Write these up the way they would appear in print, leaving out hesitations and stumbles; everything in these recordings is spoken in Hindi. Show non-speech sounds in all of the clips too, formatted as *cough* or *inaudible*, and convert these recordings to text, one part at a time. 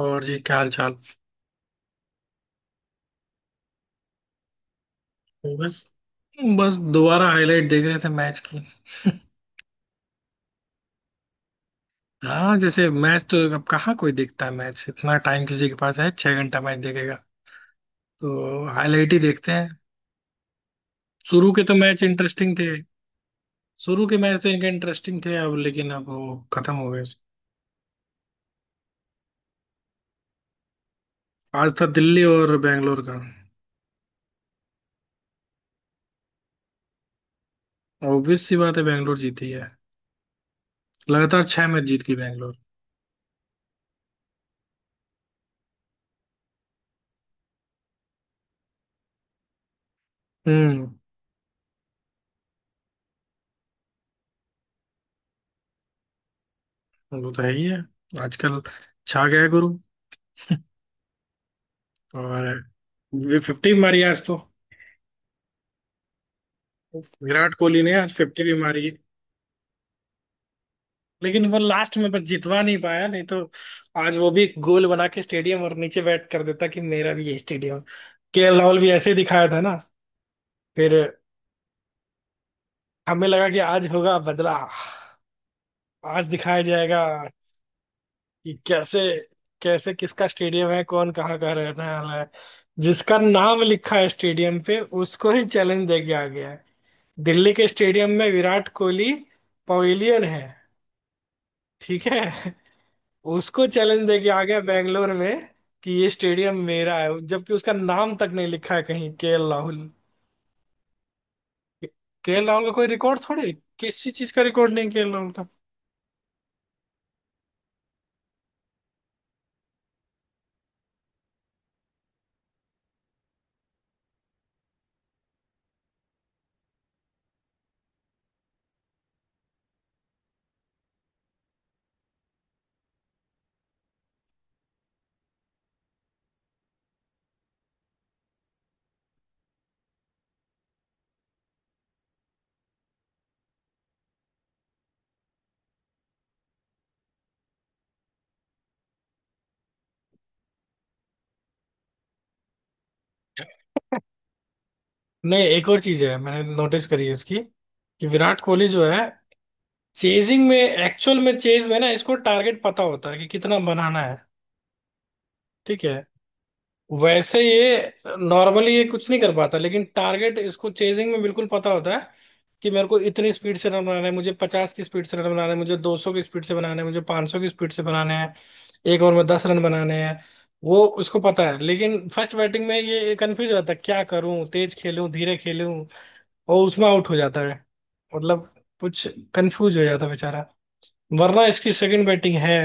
और जी, क्या हाल चाल? तो बस बस दोबारा हाईलाइट देख रहे थे मैच की। *laughs* हाँ, जैसे मैच तो अब कहाँ कोई देखता है? मैच इतना टाइम किसी के पास है? 6 घंटा मैच देखेगा, तो हाईलाइट ही देखते हैं। शुरू के तो मैच इंटरेस्टिंग थे। शुरू के मैच तो इनके इंटरेस्टिंग थे अब, लेकिन अब वो खत्म हो गए। आज था दिल्ली और बैंगलोर का। ऑब्वियस सी बात है, बैंगलोर जीती है। लगातार छह मैच जीत गई बैंगलोर। हम्म। वो तो है ही है, आजकल छा गया है गुरु। *laughs* और फिफ्टी मारी आज तो। विराट कोहली ने आज फिफ्टी भी मारी। लेकिन वो लास्ट में बस जितवा नहीं पाया, नहीं तो आज वो भी एक गोल बना के स्टेडियम और नीचे बैठ कर देता कि मेरा भी ये स्टेडियम। केएल राहुल भी ऐसे ही दिखाया था ना। फिर हमें लगा कि आज होगा बदला, आज दिखाया जाएगा कि कैसे, कैसे किसका स्टेडियम है, कौन कहाँ का रहने वाला है। जिसका नाम लिखा है स्टेडियम पे, उसको ही चैलेंज दे के आ गया है। दिल्ली के स्टेडियम में विराट कोहली पवेलियन है, ठीक है। उसको चैलेंज दे के आ गया बैंगलोर में कि ये स्टेडियम मेरा है, जबकि उसका नाम तक नहीं लिखा है कहीं, K L Rahul. K L Rahul का कोई रिकॉर्ड थोड़े। किसी चीज का रिकॉर्ड नहीं के एल राहुल का। नहीं, एक और चीज है, मैंने नोटिस करी है इसकी, कि विराट कोहली जो है, चेजिंग में, एक्चुअल में चेज में ना, इसको टारगेट पता होता है कि कितना बनाना है, ठीक है। वैसे ये नॉर्मली ये कुछ नहीं कर पाता, लेकिन टारगेट इसको चेजिंग में बिल्कुल पता होता है कि मेरे को इतनी स्पीड से रन बनाना है, मुझे 50 की स्पीड से रन बनाना है, मुझे 200 की स्पीड से बनाना है, मुझे 500 की स्पीड से बनाने हैं, एक ओवर में 10 रन बनाने हैं, वो उसको पता है। लेकिन फर्स्ट बैटिंग में ये कंफ्यूज रहता है, क्या करूं, तेज खेलूं, धीरे खेलूं, और उसमें आउट हो जाता है। मतलब कुछ कंफ्यूज हो जाता है बेचारा। वरना इसकी सेकंड बैटिंग है,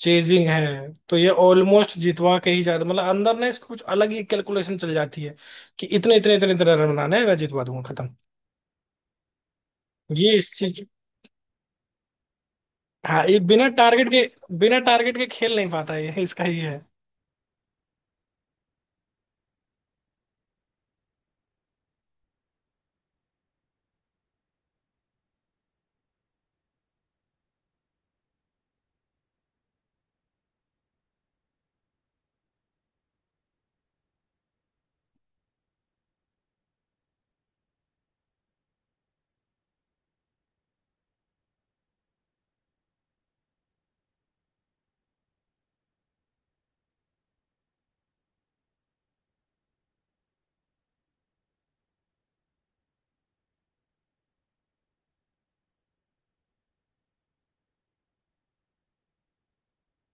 चेजिंग है, तो ये ऑलमोस्ट जितवा के ही जाता। मतलब अंदर ना इसको कुछ अलग ही कैलकुलेशन चल जाती है, कि इतने इतने इतने इतने रन बनाना है, मैं जितवा दूंगा, खत्म। ये इस चीज हाँ, ये बिना टारगेट के खेल नहीं पाता, ये इसका ही है।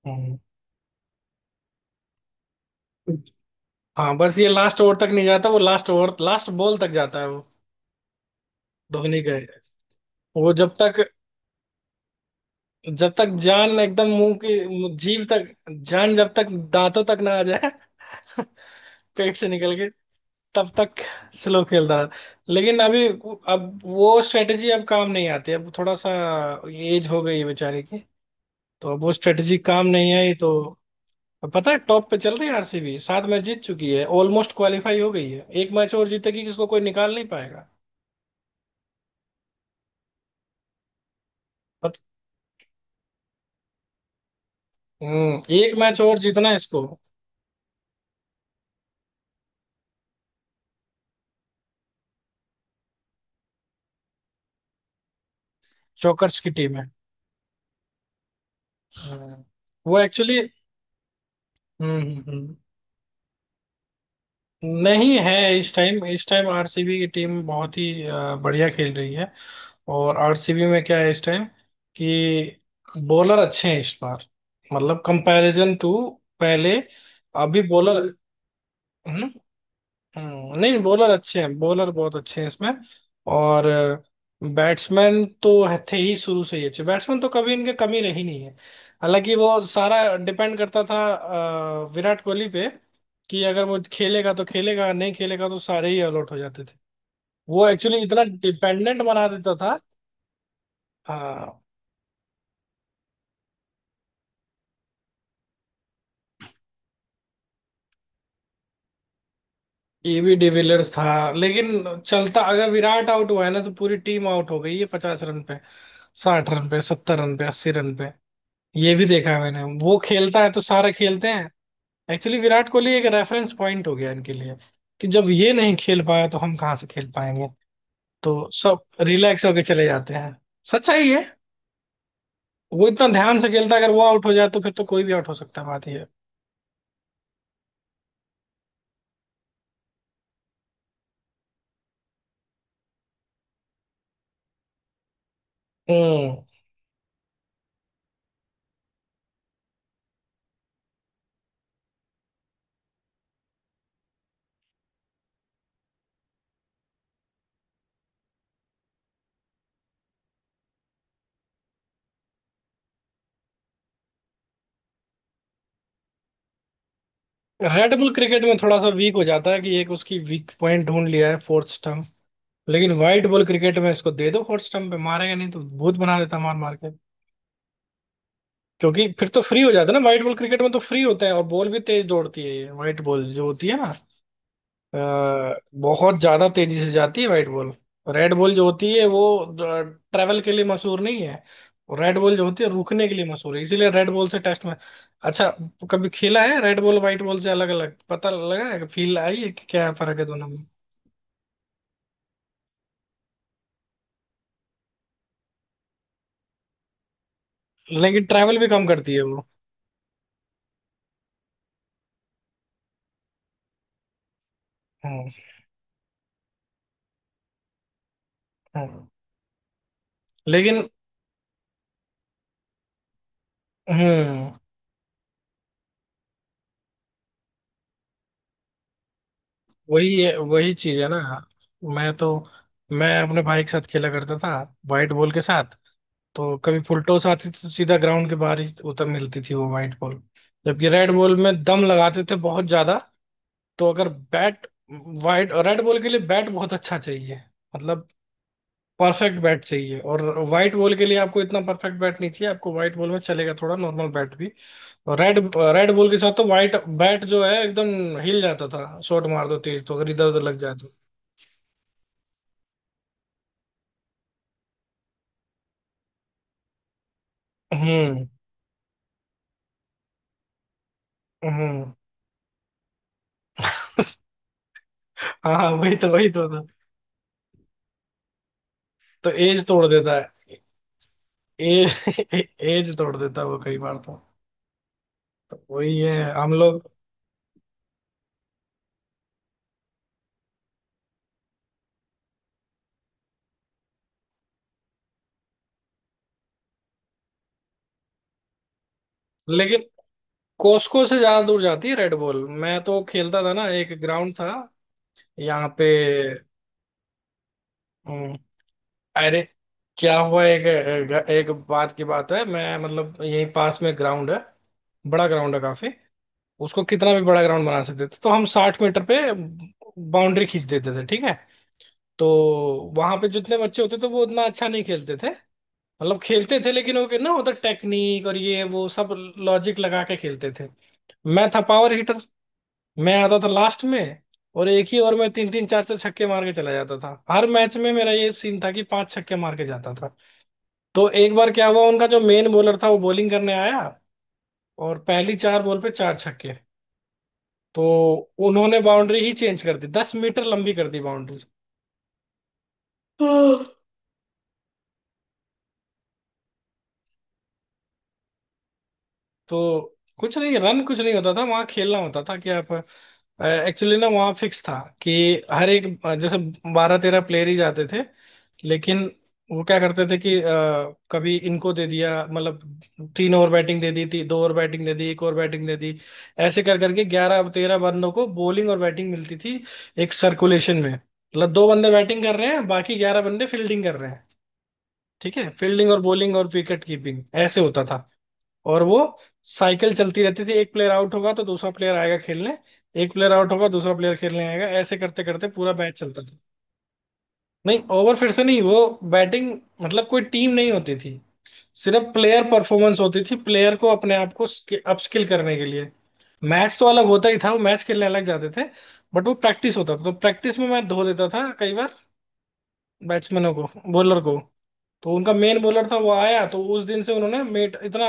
हम्म। हाँ, बस ये लास्ट ओवर तक नहीं जाता, वो लास्ट ओवर लास्ट बॉल तक जाता है वो, धोनी का। वो जब तक जान एकदम मुंह की जीव तक, जान जब तक दांतों तक ना आ जाए, *laughs* पेट से निकल के, तब तक स्लो खेलता रहा। लेकिन अभी, अब वो स्ट्रेटजी अब काम नहीं आती, अब थोड़ा सा एज हो गई है बेचारे की, तो अब वो स्ट्रेटजी काम नहीं आई तो। अब पता है, टॉप पे चल रही है आरसीबी, 7 मैच जीत चुकी है, ऑलमोस्ट क्वालिफाई हो गई है, एक मैच और जीतेगी, इसको कोई निकाल नहीं पाएगा। पत, हम्म, एक मैच और जीतना है इसको। जोकर्स की टीम है। हम्म, वो एक्चुअली, हम्म हम्म, हम्म। नहीं है, इस टाइम आरसीबी की टीम बहुत ही बढ़िया खेल रही है। और आरसीबी में क्या है इस टाइम, कि बॉलर अच्छे हैं इस बार, मतलब कंपैरिजन टू पहले, अभी बॉलर, हम्म, नहीं बॉलर अच्छे हैं, बॉलर बहुत अच्छे हैं इसमें। और बैट्समैन तो थे ही शुरू से ही अच्छे, बैट्समैन तो कभी इनके कमी रही नहीं है। हालांकि वो सारा डिपेंड करता था विराट कोहली पे, कि अगर वो खेलेगा तो खेलेगा, नहीं खेलेगा तो सारे ही आउट हो जाते थे। वो एक्चुअली इतना डिपेंडेंट बना देता था। हाँ, ईबी डिविलियर्स था, लेकिन चलता। अगर विराट आउट हुआ है ना, तो पूरी टीम आउट हो गई है 50 रन पे, 60 रन पे, 70 रन पे, 80 रन पे, ये भी देखा है मैंने। वो खेलता है तो सारे खेलते हैं। एक्चुअली विराट कोहली एक रेफरेंस पॉइंट हो गया इनके लिए, कि जब ये नहीं खेल पाया तो हम कहाँ से खेल पाएंगे, तो सब रिलैक्स होके चले जाते हैं। सच्चाई है। वो इतना ध्यान से खेलता है, अगर वो आउट हो जाए तो फिर तो कोई भी आउट हो सकता है, बात ये है। हम्म। रेड बुल क्रिकेट में थोड़ा सा वीक हो जाता है, कि एक उसकी वीक पॉइंट ढूंढ लिया है, फोर्थ स्टंप, लेकिन व्हाइट बॉल क्रिकेट में इसको दे दो, हॉट स्टम्प पे मारेगा, नहीं तो भूत बना देता मार मार के। क्योंकि फिर तो फ्री हो जाता है ना, व्हाइट बॉल क्रिकेट में तो फ्री होता है, और बॉल भी तेज दौड़ती है, ये व्हाइट बॉल जो होती है ना, बहुत ज्यादा तेजी से जाती है व्हाइट बॉल। रेड बॉल जो होती है वो ट्रेवल के लिए मशहूर नहीं है। रेड बॉल जो होती है रुकने के लिए मशहूर है, इसीलिए रेड बॉल से टेस्ट में अच्छा। कभी खेला है रेड बॉल, व्हाइट बॉल से अलग अलग पता लगा है, फील आई है कि क्या फर्क है दोनों में? लेकिन ट्रैवल भी कम करती है वो। हम्म हम्म। लेकिन हम्म, वही वही चीज है ना। मैं तो मैं अपने भाई के साथ खेला करता था व्हाइट बॉल के साथ, तो कभी फुल टॉस आती थी तो सीधा ग्राउंड के बाहर ही उतर मिलती थी वो व्हाइट बॉल। जबकि रेड बॉल में दम लगाते थे बहुत ज्यादा। तो अगर बैट, व्हाइट और रेड बॉल के लिए बैट बहुत अच्छा चाहिए, मतलब परफेक्ट बैट चाहिए, और व्हाइट बॉल के लिए आपको इतना परफेक्ट बैट नहीं चाहिए, आपको व्हाइट बॉल में चलेगा थोड़ा नॉर्मल बैट भी। और रेड रेड बॉल के साथ तो व्हाइट बैट जो है एकदम हिल जाता था। शॉट मार दो तेज तो अगर इधर उधर लग जाए तो। हम्म हम्म, हाँ हाँ, वही तो था। तो एज तोड़ देता है, एज एज तोड़ देता है वो कई बार तो। तो वही है, हम लोग। लेकिन कोस्को से ज्यादा दूर जाती है रेड बॉल, मैं तो खेलता था ना, एक ग्राउंड था यहाँ पे। हम्म। अरे, क्या हुआ, एक एक बात की बात है, मैं मतलब यही पास में ग्राउंड है, बड़ा ग्राउंड है काफी, उसको कितना भी बड़ा ग्राउंड बना सकते थे, तो हम 60 मीटर पे बाउंड्री खींच देते थे, ठीक है। तो वहां पे जितने बच्चे होते थे वो उतना अच्छा नहीं खेलते थे, मतलब खेलते थे, लेकिन वो ना होता टेक्निक और ये वो सब, लॉजिक लगा के खेलते थे। मैं था पावर हिटर, मैं आता था लास्ट में, और एक ही ओवर में तीन तीन चार चार छक्के मार के चला जाता था। हर मैच में मेरा ये सीन था कि पांच छक्के मार के जाता था। तो एक बार क्या हुआ, उनका जो मेन बॉलर था वो बॉलिंग करने आया, और पहली चार बॉल पे चार छक्के, तो उन्होंने बाउंड्री ही चेंज कर दी, 10 मीटर लंबी कर दी बाउंड्री। हाँ, *gasps* तो कुछ नहीं रन, कुछ नहीं होता था, वहां खेलना होता था कि आप, एक्चुअली ना वहां फिक्स था कि हर एक, जैसे 12-13 प्लेयर ही जाते थे, लेकिन वो क्या करते थे कि कभी इनको दे दिया, मतलब तीन ओवर बैटिंग दे दी थी, दो ओवर बैटिंग दे दी, एक ओवर बैटिंग दे दी। ऐसे कर करके 11-13 बंदों को बॉलिंग और बैटिंग मिलती थी, एक सर्कुलेशन में। मतलब दो बंदे बैटिंग कर रहे हैं, बाकी 11 बंदे फील्डिंग कर रहे हैं, ठीक है, फील्डिंग और बॉलिंग और विकेट कीपिंग, ऐसे होता था। और वो साइकिल चलती रहती थी, एक प्लेयर आउट होगा तो दूसरा प्लेयर आएगा खेलने, एक प्लेयर आउट होगा दूसरा प्लेयर खेलने आएगा, ऐसे करते करते पूरा मैच चलता था। नहीं, ओवर फिर से नहीं, वो बैटिंग, मतलब कोई टीम नहीं होती थी, सिर्फ प्लेयर परफॉर्मेंस होती थी, प्लेयर को अपने आप को अपस्किल करने के लिए। मैच तो अलग होता ही था, वो मैच खेलने अलग जाते थे, बट वो प्रैक्टिस होता था। तो प्रैक्टिस में मैं धो देता था कई बार, बैट्समैनों को, बॉलर को। तो उनका मेन बॉलर था, वो आया तो उस दिन से उन्होंने मेट इतना,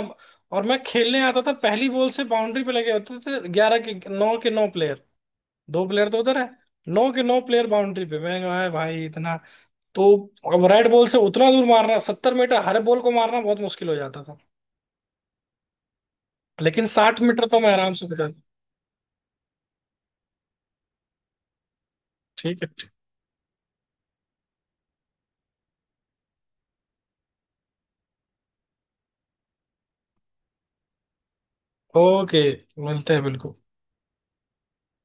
और मैं खेलने आता था पहली बॉल से, बाउंड्री पे लगे होते थे 11 के, नौ के नौ प्लेयर, दो प्लेयर तो उधर है, नौ के नौ प्लेयर बाउंड्री पे, मैं कहा भाई इतना। तो अब राइट बॉल से उतना दूर मारना, 70 मीटर हर बॉल को मारना बहुत मुश्किल हो जाता था, लेकिन 60 मीटर तो मैं आराम से बता। ठीक है। ओके, मिलते हैं, बिल्कुल।